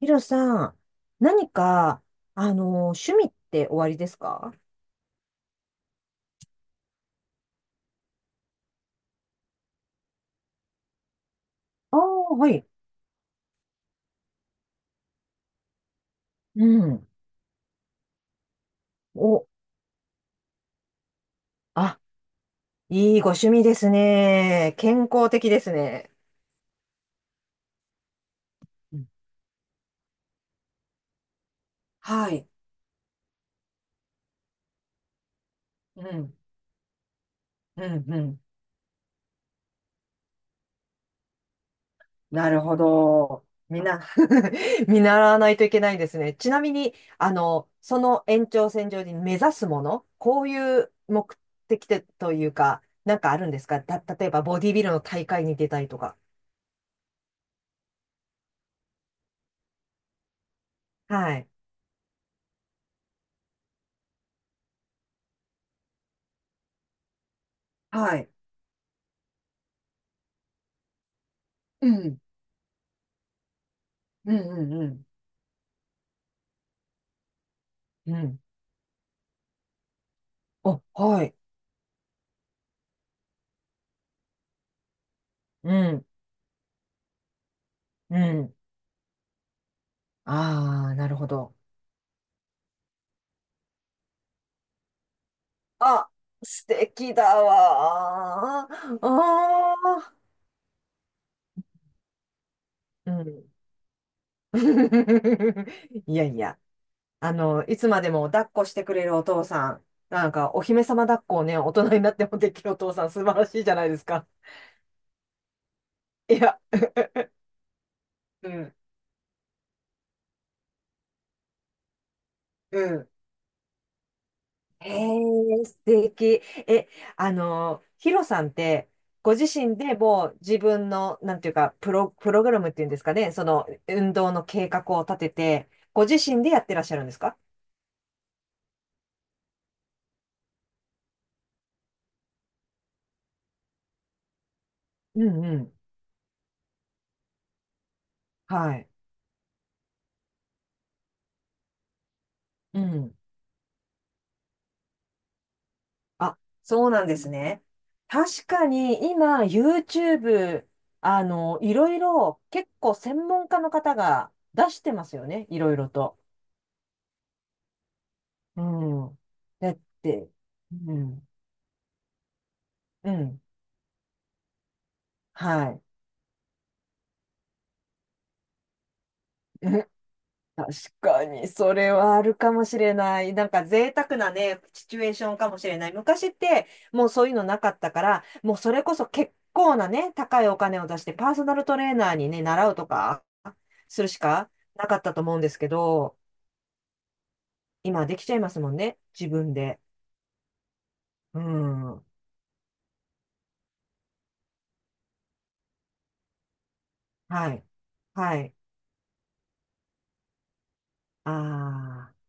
ヒロさん、何か、趣味っておありですか？ああー、はい。うん。お、あ、いいご趣味ですね。健康的ですね。うん。はい。うん。うん、うん。なるほど。みんな 見習わないといけないですね。ちなみに、その延長線上に目指すもの、こういう目的でというか、なんかあるんですかた、例えばボディビルの大会に出たりとか。はい。はい。うん。うん、うん、うん。うん。お、はい。うん。うん。ああ、なるほど。あ、素敵だわー。ああ。うん。いやいや。いつまでも抱っこしてくれるお父さん。なんか、お姫様抱っこをね、大人になってもできるお父さん、素晴らしいじゃないですか。いや、うん。うん。えー、素敵。え、あの、ヒロさんって、ご自身でもう自分の、なんていうか、プログラムっていうんですかね、その運動の計画を立てて、ご自身でやってらっしゃるんですか？うん、うん。はい。うん。あ、そうなんですね。確かに今、YouTube、いろいろ結構専門家の方が出してますよね、いろいろと。うん。だって、うん。うん。はい。確かに、それはあるかもしれない。なんか贅沢なね、シチュエーションかもしれない。昔って、もうそういうのなかったから、もうそれこそ結構なね、高いお金を出して、パーソナルトレーナーにね、習うとか、するしかなかったと思うんですけど、今できちゃいますもんね、自分で。うん。はい。はい。ああ。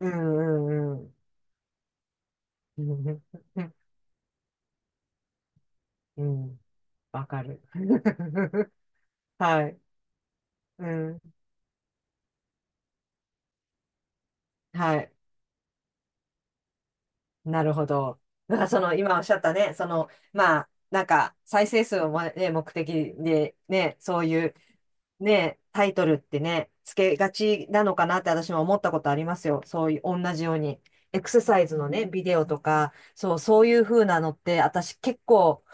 うん、うん、うん。うん。うん。わかる。はい。うん。はい。なるほど。だからその今おっしゃったね、そのまあなんか再生数を、まね、目的でね、そういうね、タイトルってね、つけがちなのかなって私も思ったことありますよ。そういう同じように。エクササイズのね、ビデオとか、そう、そういう風なのって私結構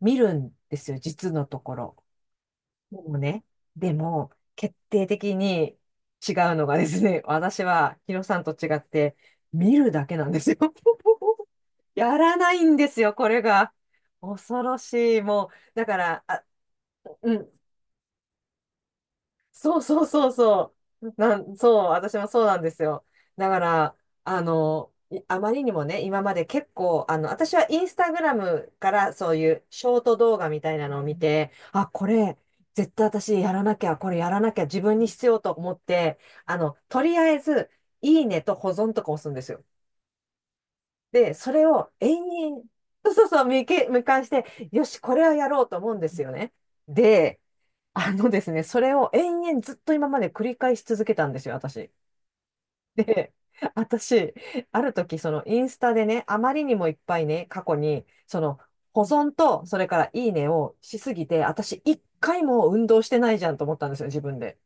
見るんですよ、実のところ。でもね、でも決定的に違うのがですね、私はヒロさんと違って見るだけなんですよ。やらないんですよ、これが。恐ろしい。もう、だから、あ、うん、そう、そう、そう、そう。そう、私もそうなんですよ。だから、あまりにもね、今まで結構、私はインスタグラムからそういうショート動画みたいなのを見て、あ、これ、絶対私やらなきゃ、これやらなきゃ、自分に必要と思って、とりあえず、いいねと保存とか押すんですよ。で、それを延々、そう、そう、そう、見返して、よし、これはやろうと思うんですよね。で、あのですね、それを延々ずっと今まで繰り返し続けたんですよ、私。で、私、ある時、そのインスタでね、あまりにもいっぱいね、過去に、その、保存と、それからいいねをしすぎて、私、一回も運動してないじゃんと思ったんですよ、自分で。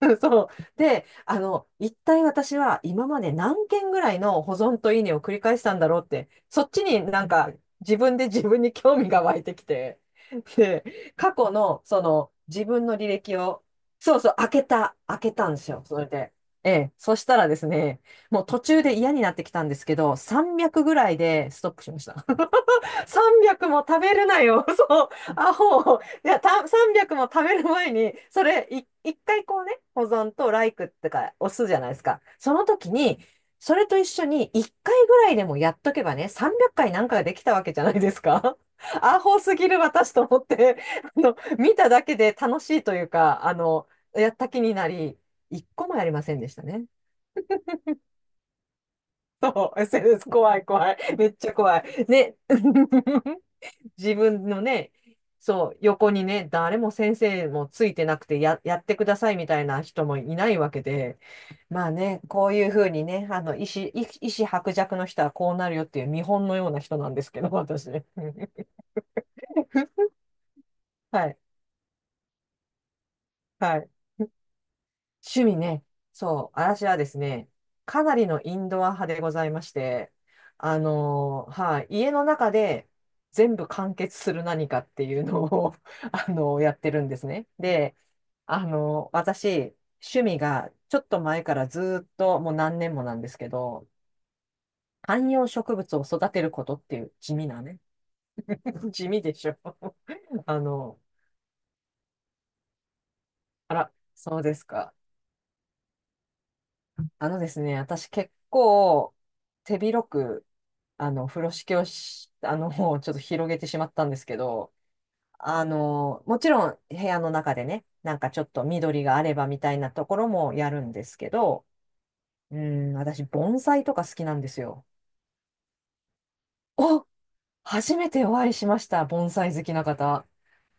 そう。で、一体私は今まで何件ぐらいの保存といいねを繰り返したんだろうって、そっちになんか自分で自分に興味が湧いてきて、で、過去のその自分の履歴を、そう、そう、開けたんですよ、それで。ええ、そしたらですね、もう途中で嫌になってきたんですけど、300ぐらいでストップしました。300も食べるなよ。そう。アホ。いや、300も食べる前に、それ、一回こうね、保存とライクってか、押すじゃないですか。その時に、それと一緒に一回ぐらいでもやっとけばね、300回なんかができたわけじゃないですか。アホすぎる私と思って、見ただけで楽しいというか、やった気になり、一個もやりませんでしたね。そう、SNS 怖い、怖い。めっちゃ怖い。ね。自分のね、そう、横にね、誰も先生もついてなくてやってくださいみたいな人もいないわけで、まあね、こういうふうにね、意思薄弱の人はこうなるよっていう見本のような人なんですけど、私ね。はい、はい。趣味ね。そう、私はですね、かなりのインドア派でございまして、はい、家の中で全部完結する何かっていうのを やってるんですね。で、私、趣味がちょっと前からずーっともう何年もなんですけど、観葉植物を育てることっていう地味なね。地味でしょ。あの、あら、そうですか。あのですね、私結構手広く、風呂敷をし、もうちょっと広げてしまったんですけど、もちろん部屋の中でね、なんかちょっと緑があればみたいなところもやるんですけど、うん、私、盆栽とか好きなんですよ。お初めてお会いしました、盆栽好きな方。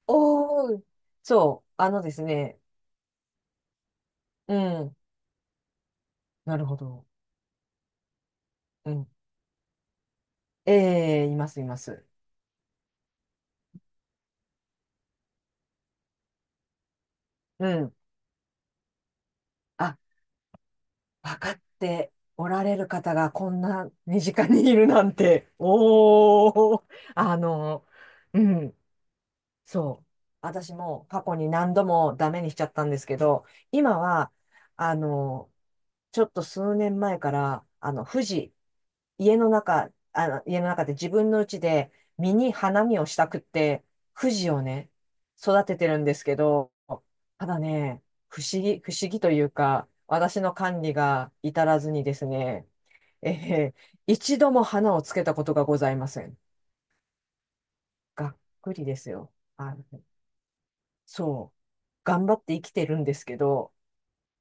おー、そう、あのですね、うん、なるほど。うん。ええ、います、います。うん。あ、分かっておられる方がこんな身近にいるなんて。おー、あの、うん。そう、私も過去に何度もダメにしちゃったんですけど、今は、あの、ちょっと数年前から、家の中で自分の家で実に花見をしたくって、富士をね、育ててるんですけど、ただね、不思議というか、私の管理が至らずにですね、えー一度も花をつけたことがございません。がっくりですよ。はい。そう、頑張って生きてるんですけど、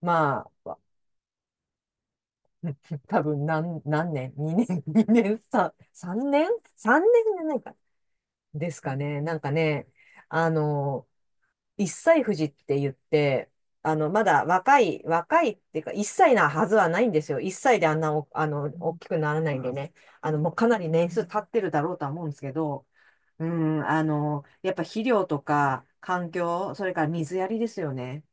まあ、多分何年？ 2 年？ 2 年3 年？ 3 年じゃないか。ですかね。なんかね、あの、一歳富士って言って、まだ若い、若いっていうか、一歳なはずはないんですよ。一歳であんなお、あの、大きくならないんでね。もうかなり年数経ってるだろうとは思うんですけど、うん、やっぱ肥料とか環境、それから水やりですよね。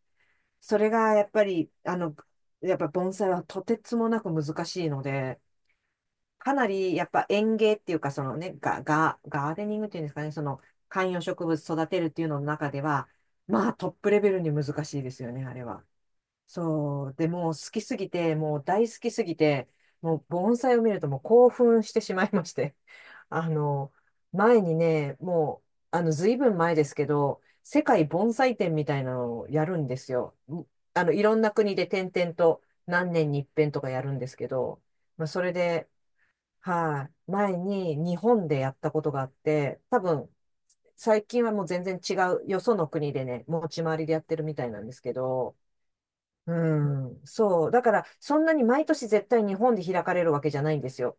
それがやっぱり、やっぱ盆栽はとてつもなく難しいので、かなりやっぱ園芸っていうか、そのね、ガーデニングっていうんですかね、その観葉植物育てるっていうのの中では、まあトップレベルに難しいですよね、あれは。そう。でもう好きすぎて、もう大好きすぎて、もう盆栽を見るともう興奮してしまいまして。あの、前にね、もう、ずいぶん前ですけど、世界盆栽展みたいなのをやるんですよ。いろんな国で点々と何年に一遍とかやるんですけど、まあ、それで、はい、前に日本でやったことがあって、多分、最近はもう全然違う、よその国でね、持ち回りでやってるみたいなんですけど、うん、そう。だから、そんなに毎年絶対日本で開かれるわけじゃないんですよ。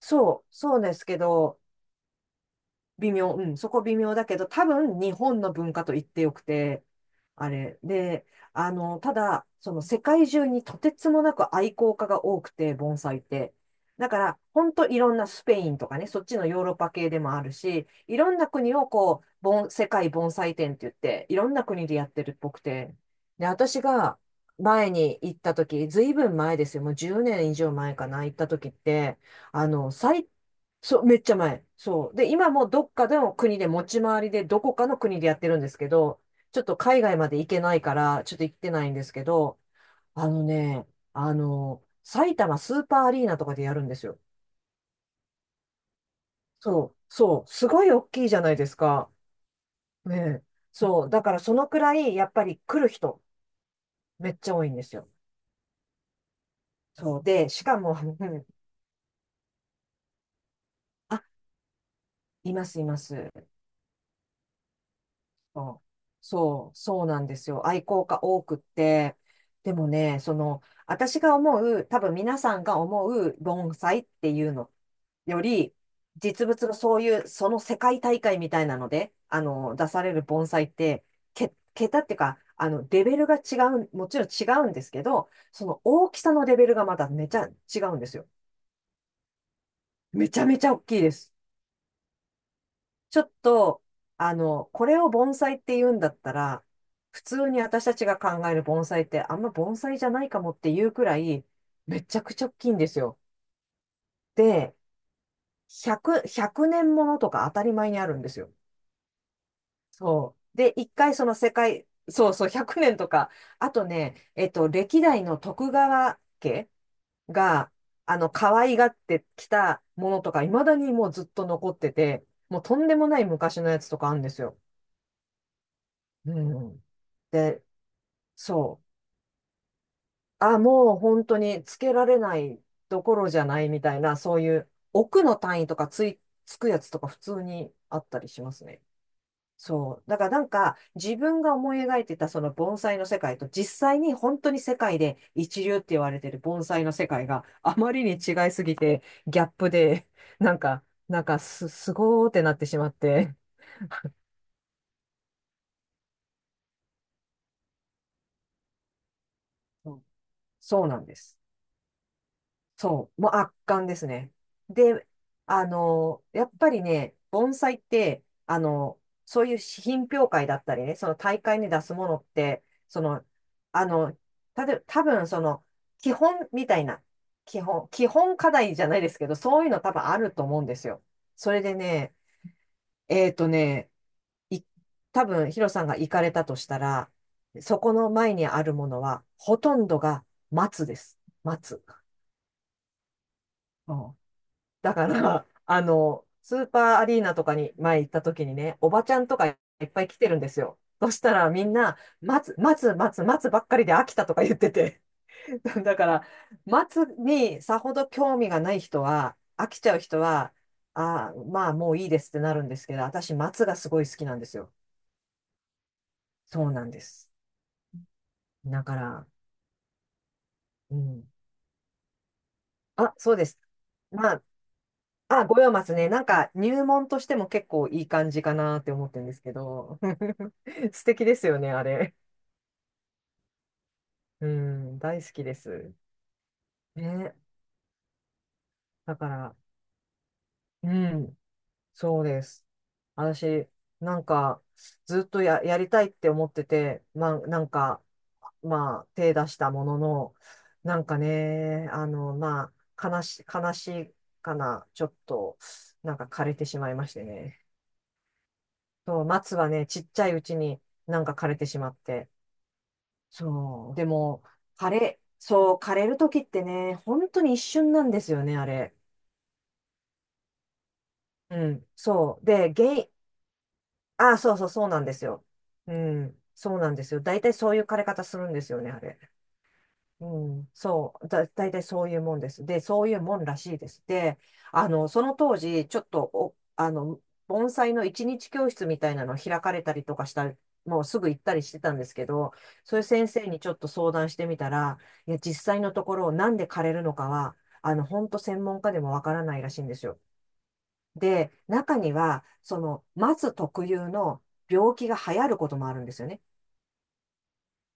そう、そうですけど、微妙、うん、そこ微妙だけど、多分日本の文化と言ってよくて、あれ。で、ただ、その世界中にとてつもなく愛好家が多くて、盆栽って。だから、ほんといろんなスペインとかね、そっちのヨーロッパ系でもあるし、いろんな国をこう、世界盆栽展って言って、いろんな国でやってるっぽくて。で、私が前に行った時、ずいぶん前ですよ。もう10年以上前かな、行った時って、あの、最そう、めっちゃ前。そう。で、今もどっかの国で持ち回りで、どこかの国でやってるんですけど、ちょっと海外まで行けないから、ちょっと行ってないんですけど、あのね、埼玉スーパーアリーナとかでやるんですよ。そう、そう、すごい大きいじゃないですか。ねえ。そう、だからそのくらい、やっぱり来る人、めっちゃ多いんですよ。そう、で、しかも、あ、います、います。そう、そうそうなんですよ。愛好家多くって。でもね、その、私が思う、多分皆さんが思う盆栽っていうのより、実物のそういう、その世界大会みたいなので、出される盆栽って、桁っていうか、レベルが違う、もちろん違うんですけど、その大きさのレベルがまためちゃ違うんですよ。めちゃめちゃ大きいです。ちょっと、これを盆栽って言うんだったら、普通に私たちが考える盆栽ってあんま盆栽じゃないかもっていうくらい、めちゃくちゃ大きいんですよ。で、100年ものとか当たり前にあるんですよ。そう。で、一回その世界、そうそう、100年とか、あとね、歴代の徳川家が、可愛がってきたものとか、未だにもうずっと残ってて、もうとんでもない昔のやつとかあるんですよ。うん。で、そう。あ、もう本当につけられないどころじゃないみたいな、そういう奥の単位とかつくやつとか普通にあったりしますね。そう。だからなんか自分が思い描いてたその盆栽の世界と実際に本当に世界で一流って言われてる盆栽の世界があまりに違いすぎてギャップでなんか、すごーってなってしまって。そうそうなんです。そう、もう圧巻ですね。で、やっぱりね、盆栽って、そういう品評会だったりね、その大会に出すものって、その、あの、多分その、基本みたいな、基本課題じゃないですけど、そういうの多分あると思うんですよ。それでね、えっとね、い、多分ヒロさんが行かれたとしたら、そこの前にあるものは、ほとんどが松です。松。うん、だから、スーパーアリーナとかに前行った時にね、おばちゃんとかいっぱい来てるんですよ。そしたらみんな、待つばっかりで飽きたとか言ってて。だから、待つにさほど興味がない人は、飽きちゃう人は、ああ、まあもういいですってなるんですけど、私、松がすごい好きなんですよ。そうなんです。だから、うん。あ、そうです。まあ、あ、五葉松ね。なんか入門としても結構いい感じかなって思ってるんですけど。素敵ですよね、あれ。うん、大好きです。ね。だから、うん、そうです。私、なんか、ずっとや、やりたいって思ってて、まあ、なんか、まあ、手出したものの、なんかね、まあ、悲しいかな、ちょっと、なんか枯れてしまいましてね。そう、松はね、ちっちゃいうちになんか枯れてしまって。そう。でも、そう、枯れる時ってね、本当に一瞬なんですよね、あれ。うん、そう。で、原因、あ、そうなんですよ。うん、そうなんですよ。大体そういう枯れ方するんですよね、あれ。うん、そう、大体そういうもんです。で、そういうもんらしいです。で、その当時、ちょっとお、あの、盆栽の一日教室みたいなの開かれたりとかした、もうすぐ行ったりしてたんですけど、そういう先生にちょっと相談してみたら、いや、実際のところ、なんで枯れるのかは、本当専門家でもわからないらしいんですよ。で、中には、その、松特有の病気が流行ることもあるんですよね。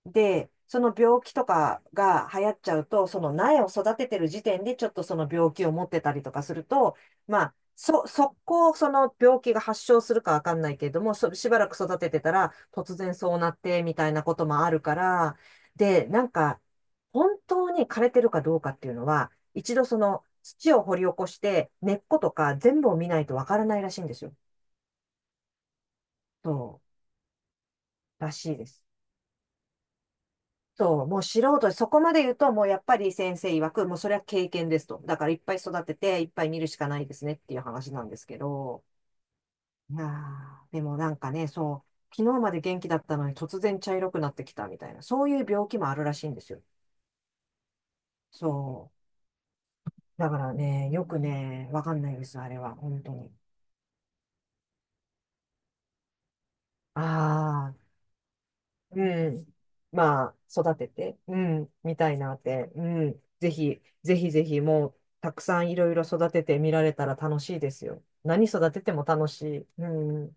で、その病気とかが流行っちゃうと、その苗を育ててる時点でちょっとその病気を持ってたりとかすると、まあ、速攻その病気が発症するかわかんないけれども、そしばらく育ててたら突然そうなってみたいなこともあるから、で、なんか、本当に枯れてるかどうかっていうのは、一度その土を掘り起こして根っことか全部を見ないとわからないらしいんですよ。そう、らしいです。そう、もう素人、そこまで言うと、もうやっぱり先生曰く、もうそれは経験ですと。だからいっぱい育てて、いっぱい見るしかないですねっていう話なんですけど、いやーでもなんかね、そう、昨日まで元気だったのに突然茶色くなってきたみたいな、そういう病気もあるらしいんですよ。そう。だからね、よくね、わかんないです、あれは、本当に。ああ、うん。まあ、育てて、うん、みたいなって、うん。ぜひ、ぜひぜひ、もう、たくさんいろいろ育ててみられたら楽しいですよ。何育てても楽しい。うん。